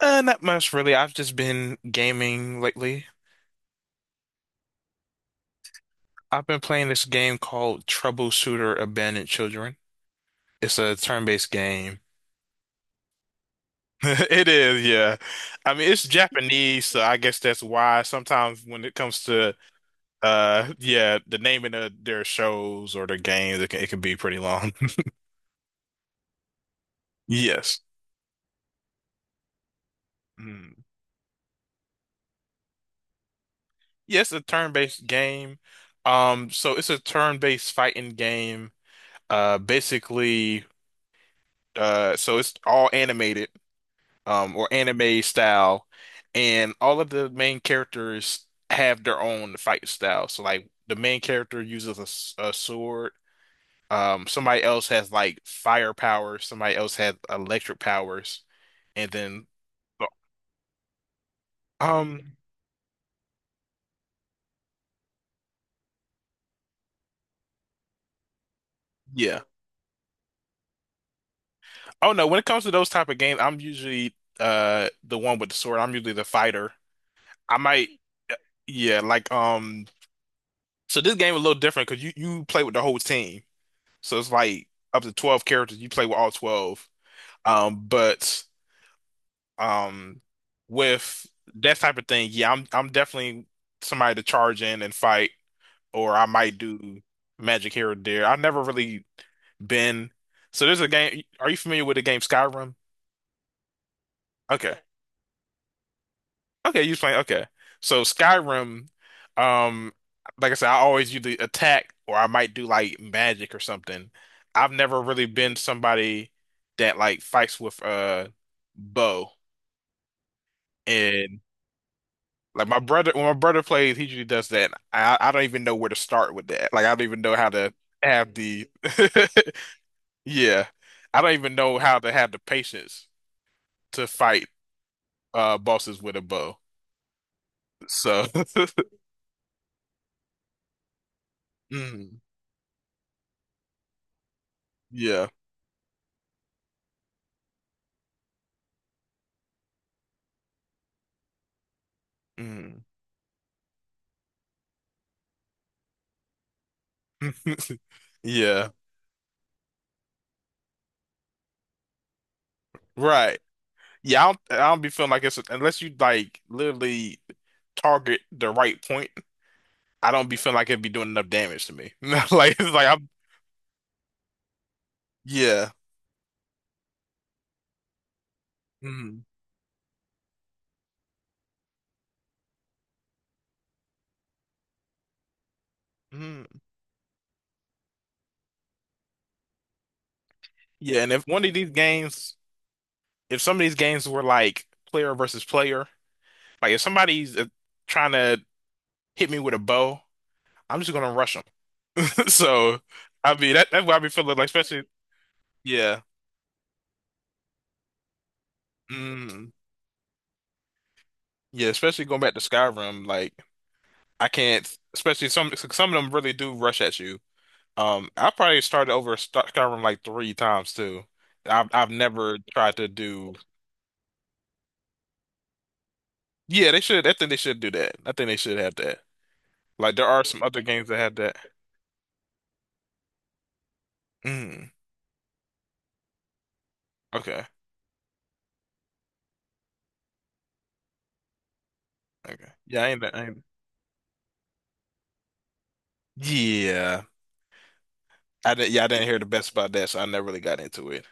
Not much really. I've just been gaming lately. I've been playing this game called Troubleshooter Abandoned Children. It's a turn-based game. It is, yeah. I mean, it's Japanese, so I guess that's why sometimes when it comes to yeah, the naming of their shows or their games, it can be pretty long. Yes. Mm. Yes, a turn-based game. So it's a turn-based fighting game. Basically, so it's all animated, or anime style, and all of the main characters have their own fight style. So like the main character uses a sword. Somebody else has like fire powers. Somebody else has electric powers, and then um, yeah. Oh no, when it comes to those type of games, I'm usually the one with the sword. I'm usually the fighter. I might, yeah, like. So this game is a little different because you play with the whole team. So it's like up to 12 characters. You play with all 12. Um, but um, with that type of thing, yeah, I'm definitely somebody to charge in and fight, or I might do magic here or there. I've never really been. So there's a game. Are you familiar with the game Skyrim? Okay. Okay, you playing. Okay, so Skyrim, um, like I said, I always do the attack, or I might do like magic or something. I've never really been somebody that like fights with bow, and like my brother, when my brother plays, he usually does that. I don't even know where to start with that. Like I don't even know how to have the yeah, I don't even know how to have the patience to fight bosses with a bow. So mm, yeah. Mm. Yeah, right. Yeah, I don't be feeling like it's unless you like literally target the right point. I don't be feeling like it'd be doing enough damage to me. Like it's like I'm yeah. Mhm. Mhm. Yeah, and if one of these games, if some of these games were like player versus player, like if somebody's trying to hit me with a bow, I'm just gonna rush them. So I mean that's what I be feeling like, especially yeah, mm, yeah, especially going back to Skyrim, like. I can't, especially some of them really do rush at you. I probably started over Skyrim like three times too. I've never tried to do. Yeah, they should. I think they should do that. I think they should have that. Like there are some other games that have that. Mm, okay, okay. Yeah, I ain't. I ain't. Yeah, I didn't. Yeah, I didn't hear the best about that, so I never really got into it.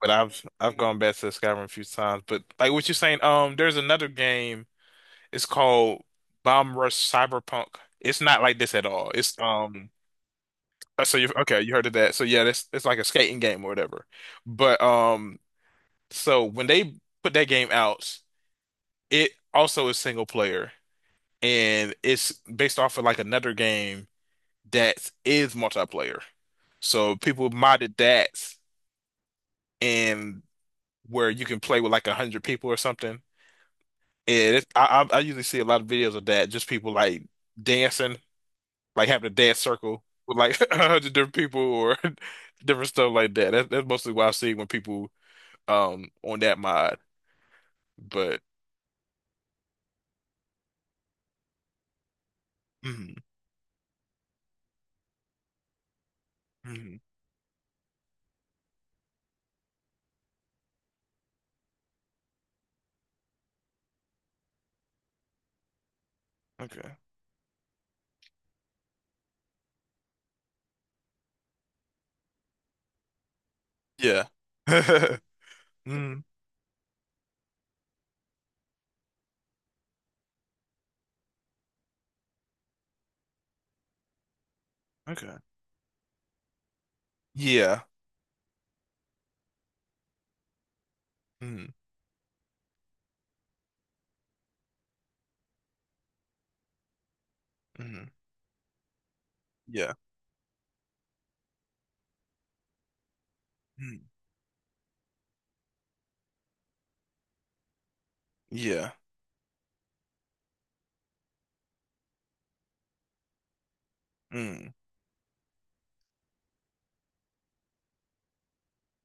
But I've gone back to Skyrim a few times. But like what you're saying, there's another game. It's called Bomb Rush Cyberpunk. It's not like this at all. It's so you okay, you heard of that. So yeah, that's it's like a skating game or whatever. But so when they put that game out, it also is single player and it's based off of like another game that is multiplayer. So people modded that and where you can play with like 100 people or something. And I usually see a lot of videos of that, just people like dancing like having a dance circle with like 100 different people or different stuff like that. That's mostly what I've seen when people on that mod. But mm, mm, okay, yeah, mm, okay, yeah, mm, mm, yeah, mm, yeah, mm,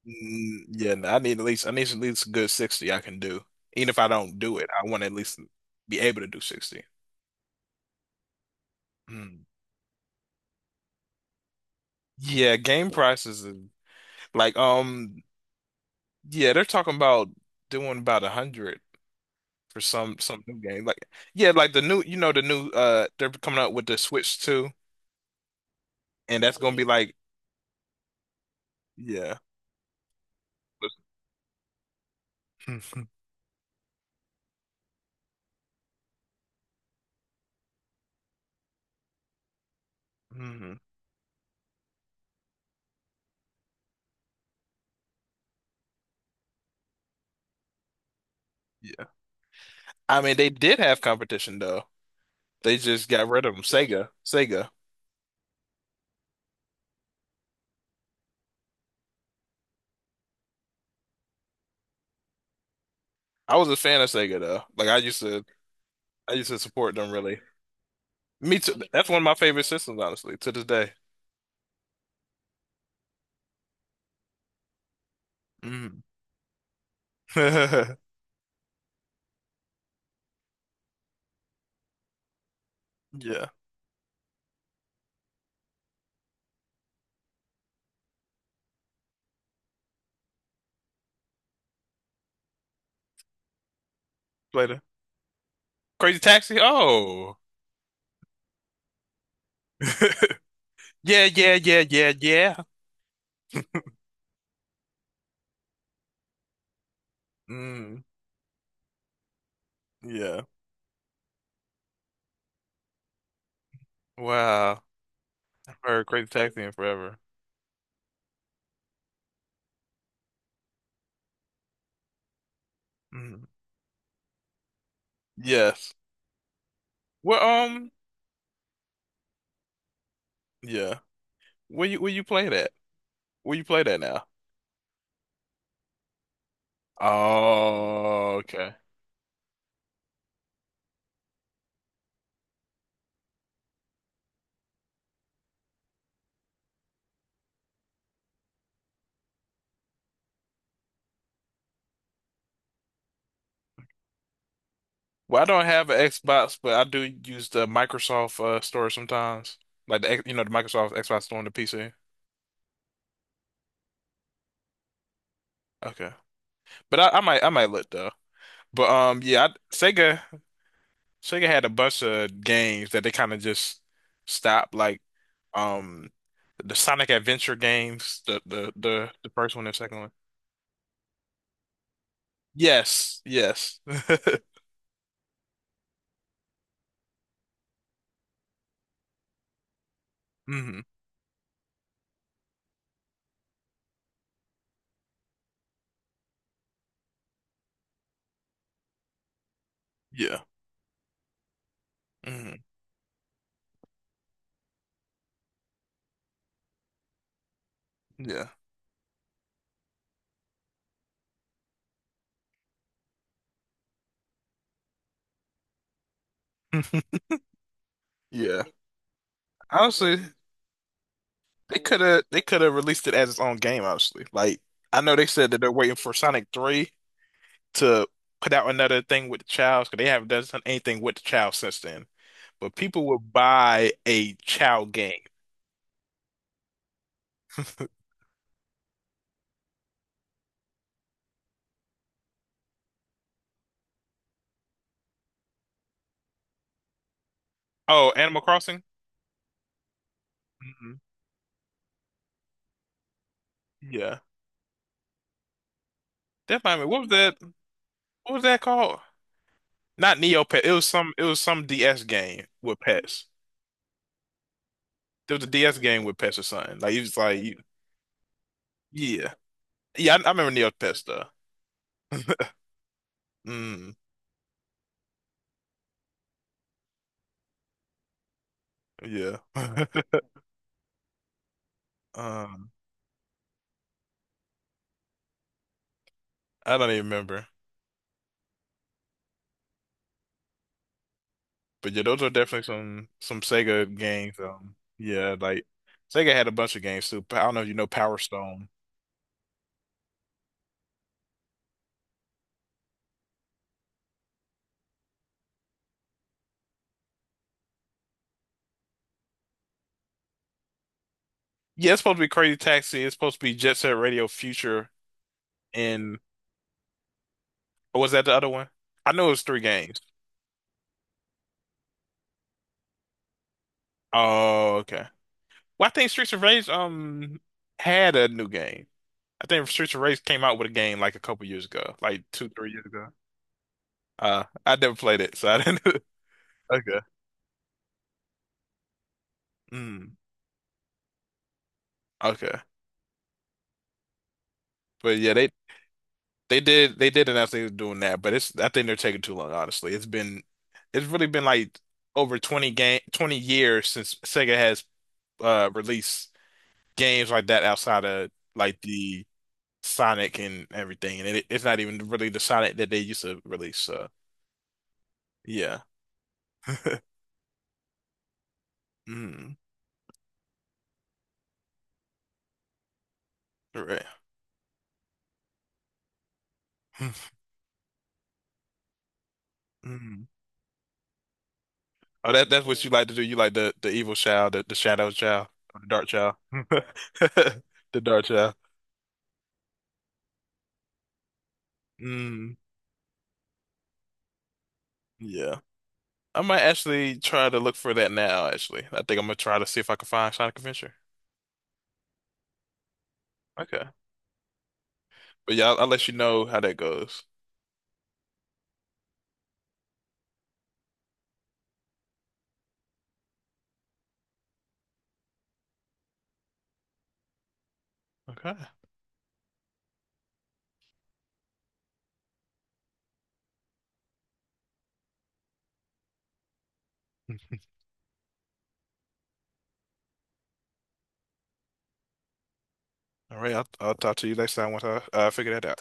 mm, yeah. No, I need at least a good 60 I can do. Even if I don't do it, I want to at least be able to do 60. Mm. Yeah, game prices and like yeah, they're talking about doing about 100 for some new game. Like yeah, like the new they're coming out with the Switch 2 and that's gonna be like yeah. Hmm, yeah. I mean they did have competition though. They just got rid of them. Sega. Sega. I was a fan of Sega though. Like I used to support them really. Me too. That's one of my favorite systems, honestly, to this day. Mm. Yeah. Later. Crazy Taxi? Oh. Yeah, yeah, yeah, yeah, yeah. Mm, yeah. Wow. Or Crazy Taxi in Forever. Mm. Yes. Well, yeah. Where you play that? Where you play that now? Oh, okay. Well, I don't have an Xbox, but I do use the Microsoft store sometimes, like the the Microsoft Xbox store on the PC. Okay, but I might look though. But yeah, I, Sega. Sega had a bunch of games that they kind of just stopped, like um the Sonic Adventure games, the first one and second one. Yes, yes. Hmm, yeah. Hmm, yeah. Yeah. Honestly, they could have released it as its own game, honestly. Like I know they said that they're waiting for Sonic 3 to put out another thing with the Childs, because they haven't done anything with the Child since then. But people would buy a Child game. Oh, Animal Crossing? Mhm. Yeah. That might be, what was that called? Not Neopet. It was some DS game with pets. There was a DS game with pets or something. Like it was like you, yeah. Yeah, I remember Neopets though. Mm, yeah. Um, I don't even remember. But yeah, those are definitely some Sega games. Yeah, like Sega had a bunch of games too. I don't know if you know Power Stone. Yeah, it's supposed to be Crazy Taxi. It's supposed to be Jet Set Radio Future, and or was that the other one? I know it was three games. Oh, okay. Well, I think Streets of Rage had a new game. I think Streets of Rage came out with a game like a couple years ago, like 2, 3 years ago. I never played it, so I didn't. Okay. Mm, okay. But yeah, they did announce they were doing that, but it's I think they're taking too long, honestly. It's really been like over 20 years since Sega has released games like that outside of like the Sonic and everything, and it's not even really the Sonic that they used to release. So yeah, mm, right. Mm. Oh, that's what you like to do. You like the evil child, the shadow child, or the dark child, the dark child. Mm, yeah, I might actually try to look for that now. Actually, I think I'm gonna try to see if I can find Sonic Adventure. Okay, but yeah, I'll let you know how that goes. Okay. All right, I'll talk to you next time once I figure that out.